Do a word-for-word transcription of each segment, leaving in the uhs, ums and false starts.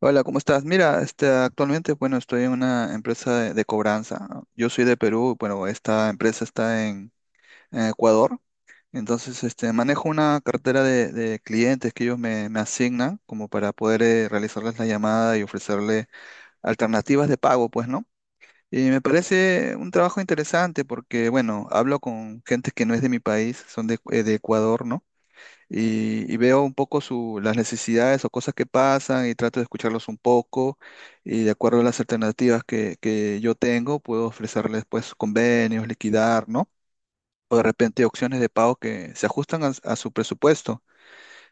Hola, ¿cómo estás? Mira, este, actualmente, bueno, estoy en una empresa de, de cobranza. Yo soy de Perú, bueno, esta empresa está en, en Ecuador. Entonces, este, manejo una cartera de, de clientes que ellos me, me asignan como para poder eh, realizarles la llamada y ofrecerle alternativas de pago, pues, ¿no? Y me parece un trabajo interesante porque, bueno, hablo con gente que no es de mi país, son de, eh, de Ecuador, ¿no? Y, y veo un poco su, las necesidades o cosas que pasan y trato de escucharlos un poco y de acuerdo a las alternativas que, que yo tengo, puedo ofrecerles pues convenios, liquidar, ¿no? O de repente opciones de pago que se ajustan a, a su presupuesto.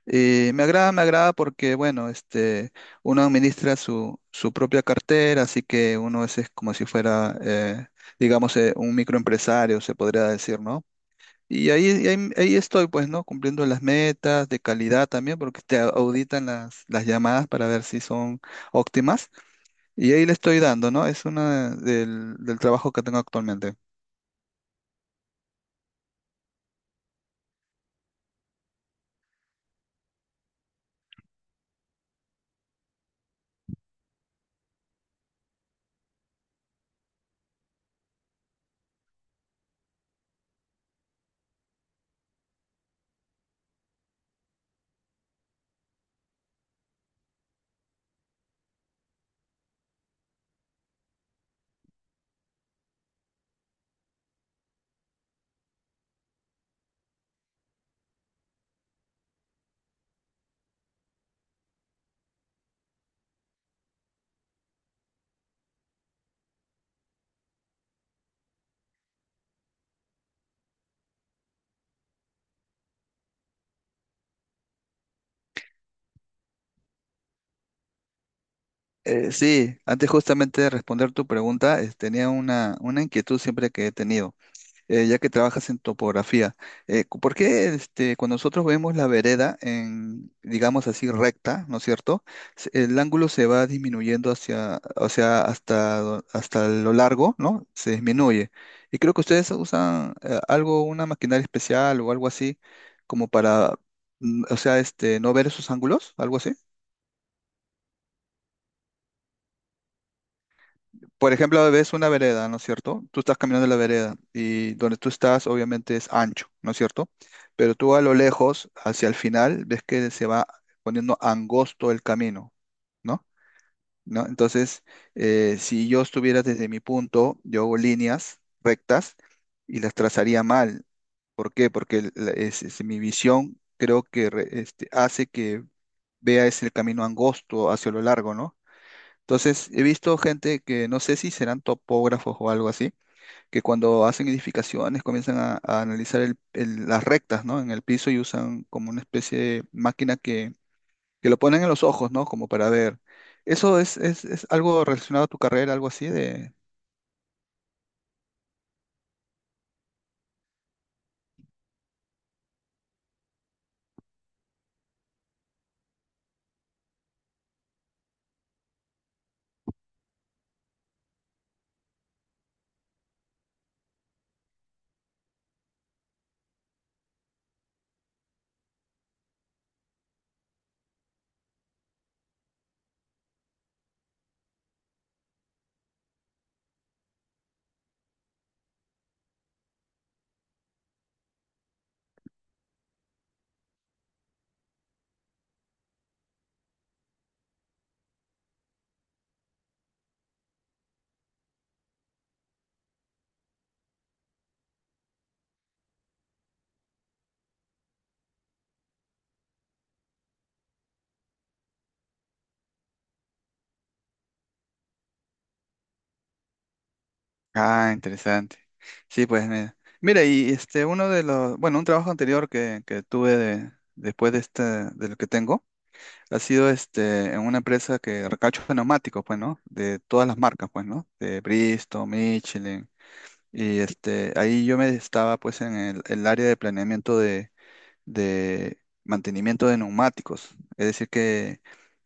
Y me agrada, me agrada porque, bueno, este, uno administra su, su propia cartera, así que uno es, es como si fuera, eh, digamos, eh, un microempresario, se podría decir, ¿no? Y ahí, y ahí, ahí estoy, pues, ¿no? Cumpliendo las metas de calidad también, porque te auditan las, las llamadas para ver si son óptimas. Y ahí le estoy dando, ¿no? Es una del, del trabajo que tengo actualmente. Eh, sí, antes justamente de responder tu pregunta, eh, tenía una, una inquietud siempre que he tenido. Eh, ya que trabajas en topografía, eh, cu- ¿por qué este, cuando nosotros vemos la vereda en, digamos así, recta, ¿no es cierto? Se- El ángulo se va disminuyendo hacia, o sea, hasta, do- hasta lo largo, ¿no? Se disminuye. Y creo que ustedes usan eh, algo, una maquinaria especial o algo así, como para, mm, o sea, este, no ver esos ángulos, algo así. Por ejemplo, ves una vereda, ¿no es cierto? Tú estás caminando en la vereda y donde tú estás obviamente es ancho, ¿no es cierto? Pero tú a lo lejos, hacia el final, ves que se va poniendo angosto el camino, ¿no? ¿No? Entonces, eh, si yo estuviera desde mi punto, yo hago líneas rectas y las trazaría mal. ¿Por qué? Porque el- la- es, es mi visión creo que re- este, hace que vea ese camino angosto hacia lo largo, ¿no? Entonces, he visto gente que no sé si serán topógrafos o algo así, que cuando hacen edificaciones comienzan a, a analizar el- el- las rectas, ¿no? En el piso y usan como una especie de máquina que, que lo ponen en los ojos, ¿no? Como para ver. ¿Eso es, es, es algo relacionado a tu carrera, algo así de... Ah, interesante. Sí, pues mira. Mira, y este, uno de los, bueno, un trabajo anterior que, que tuve de- después de este, de lo que tengo. Ha sido este, en una empresa que recacho de neumáticos, pues, ¿no? De todas las marcas, pues, ¿no? De Bristol, Michelin. Y este, ahí yo me estaba, pues, en el, el área de planeamiento de, de mantenimiento de neumáticos. Es decir, que,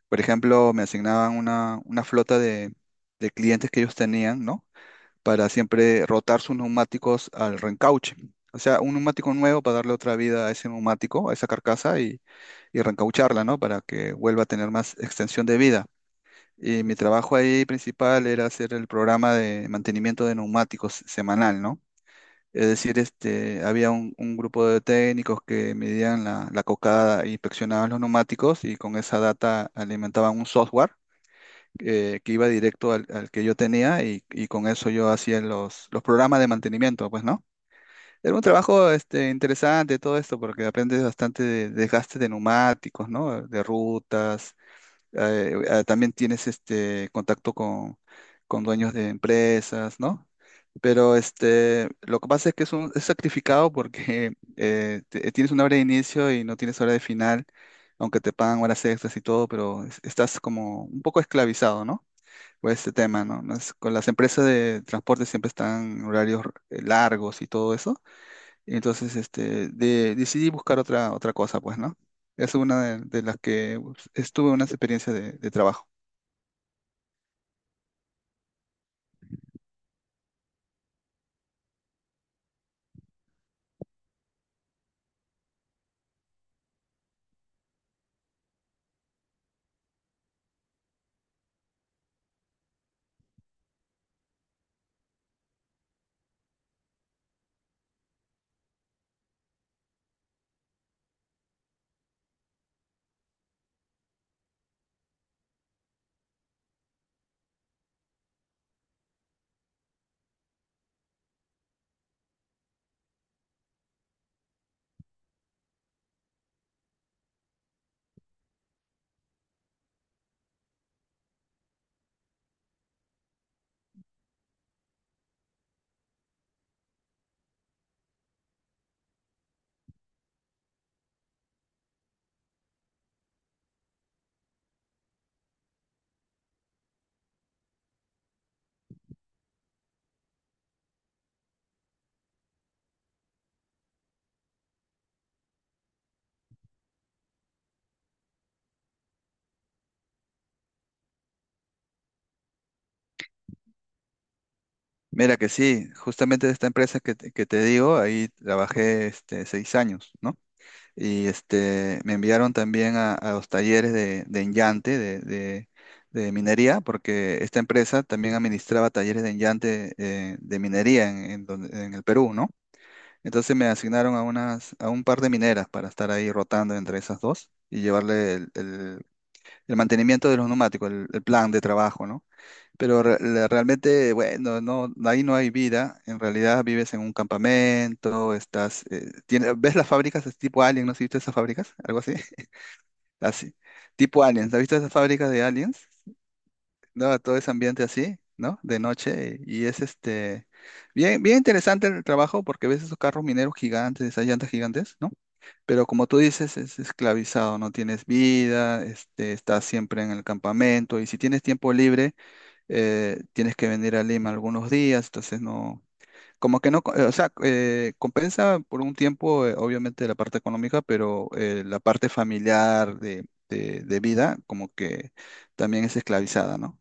por ejemplo, me asignaban una, una flota de, de clientes que ellos tenían, ¿no? para siempre rotar sus neumáticos al reencauche. O sea, un neumático nuevo para darle otra vida a ese neumático, a esa carcasa y, y reencaucharla, ¿no? Para que vuelva a tener más extensión de vida. Y mi trabajo ahí principal era hacer el programa de mantenimiento de neumáticos semanal, ¿no? Es decir, este, había un, un grupo de técnicos que medían la, la cocada, e inspeccionaban los neumáticos y con esa data alimentaban un software eh, que iba directo al, al que yo tenía y, y con eso yo hacía los, los programas de mantenimiento, pues, ¿no? Era un trabajo este, interesante todo esto porque aprendes bastante de desgaste de neumáticos, ¿no? De rutas, eh, eh, también tienes este contacto con, con dueños de empresas, ¿no? Pero este, lo que pasa es que es, un, es sacrificado porque eh, te- tienes una hora de inicio y no tienes hora de final, aunque te pagan horas extras y todo, pero es- estás como un poco esclavizado, ¿no? por este tema, ¿no? Las- con las empresas de transporte siempre están en horarios eh, largos y todo eso. Y entonces, este, de- decidí buscar otra, otra cosa, pues, ¿no? Es una de, de las que pues, estuve unas experiencias de, de trabajo. Mira que sí, justamente de esta empresa que, te que te digo, ahí trabajé este, seis años, ¿no? Y este, me enviaron también a, a los talleres de, de enllante, de, de- de minería, porque esta empresa también administraba talleres de enllante eh, de minería en, en donde- en el Perú, ¿no? Entonces me asignaron a, unas, a un par de mineras para estar ahí rotando entre esas dos y llevarle el, el- el mantenimiento de los neumáticos, el, el plan de trabajo, ¿no? Pero re- le- realmente, bueno, no, ahí no hay vida. En realidad vives en un campamento, estás, eh, tiene- ¿ves las fábricas es tipo Alien? ¿No has visto esas fábricas? Algo así. Así. Tipo Aliens. ¿Has visto esas fábricas de Aliens? No, todo ese ambiente así, ¿no? De noche. Y es este bien, bien interesante el trabajo porque ves esos carros mineros gigantes, esas llantas gigantes, ¿no? Pero como tú dices, es esclavizado, no tienes vida, este, estás siempre en el campamento, y si tienes tiempo libre eh, tienes que venir a Lima algunos días, entonces no, como que no, co- eh, o sea, eh, compensa por un tiempo, eh, obviamente la parte económica, pero eh, la parte familiar de, de, de vida, como que también es esclavizada, ¿no?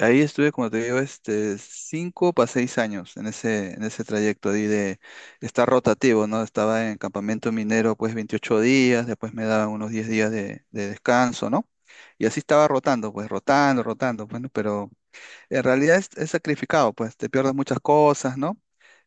Ahí estuve, como te digo, este, cinco para seis años en ese, en ese trayecto ahí de estar rotativo, ¿no? Estaba en campamento minero, pues veintiocho días, después me daban unos diez días de, de descanso, ¿no? Y así estaba rotando, pues rotando, rotando, bueno, en realidad es, es sacrificado, pues te pierdes muchas cosas, ¿no?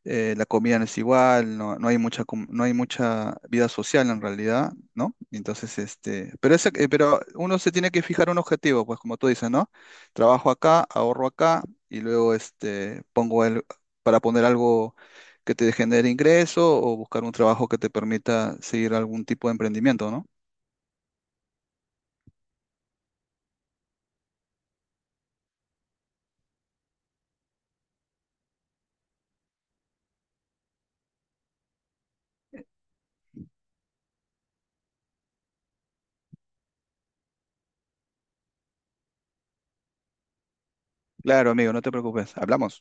Eh, la comida no es igual, no, no hay mucha, com- no hay mucha vida social en realidad, ¿no? Entonces, este, pero, ese- eh, pero uno se tiene que fijar un objetivo, pues como tú dices, ¿no? Trabajo acá, ahorro acá y luego este, pongo el, para poner algo que te genere ingreso o buscar un trabajo que te permita seguir algún tipo de emprendimiento, ¿no? Claro, amigo, no te preocupes, hablamos.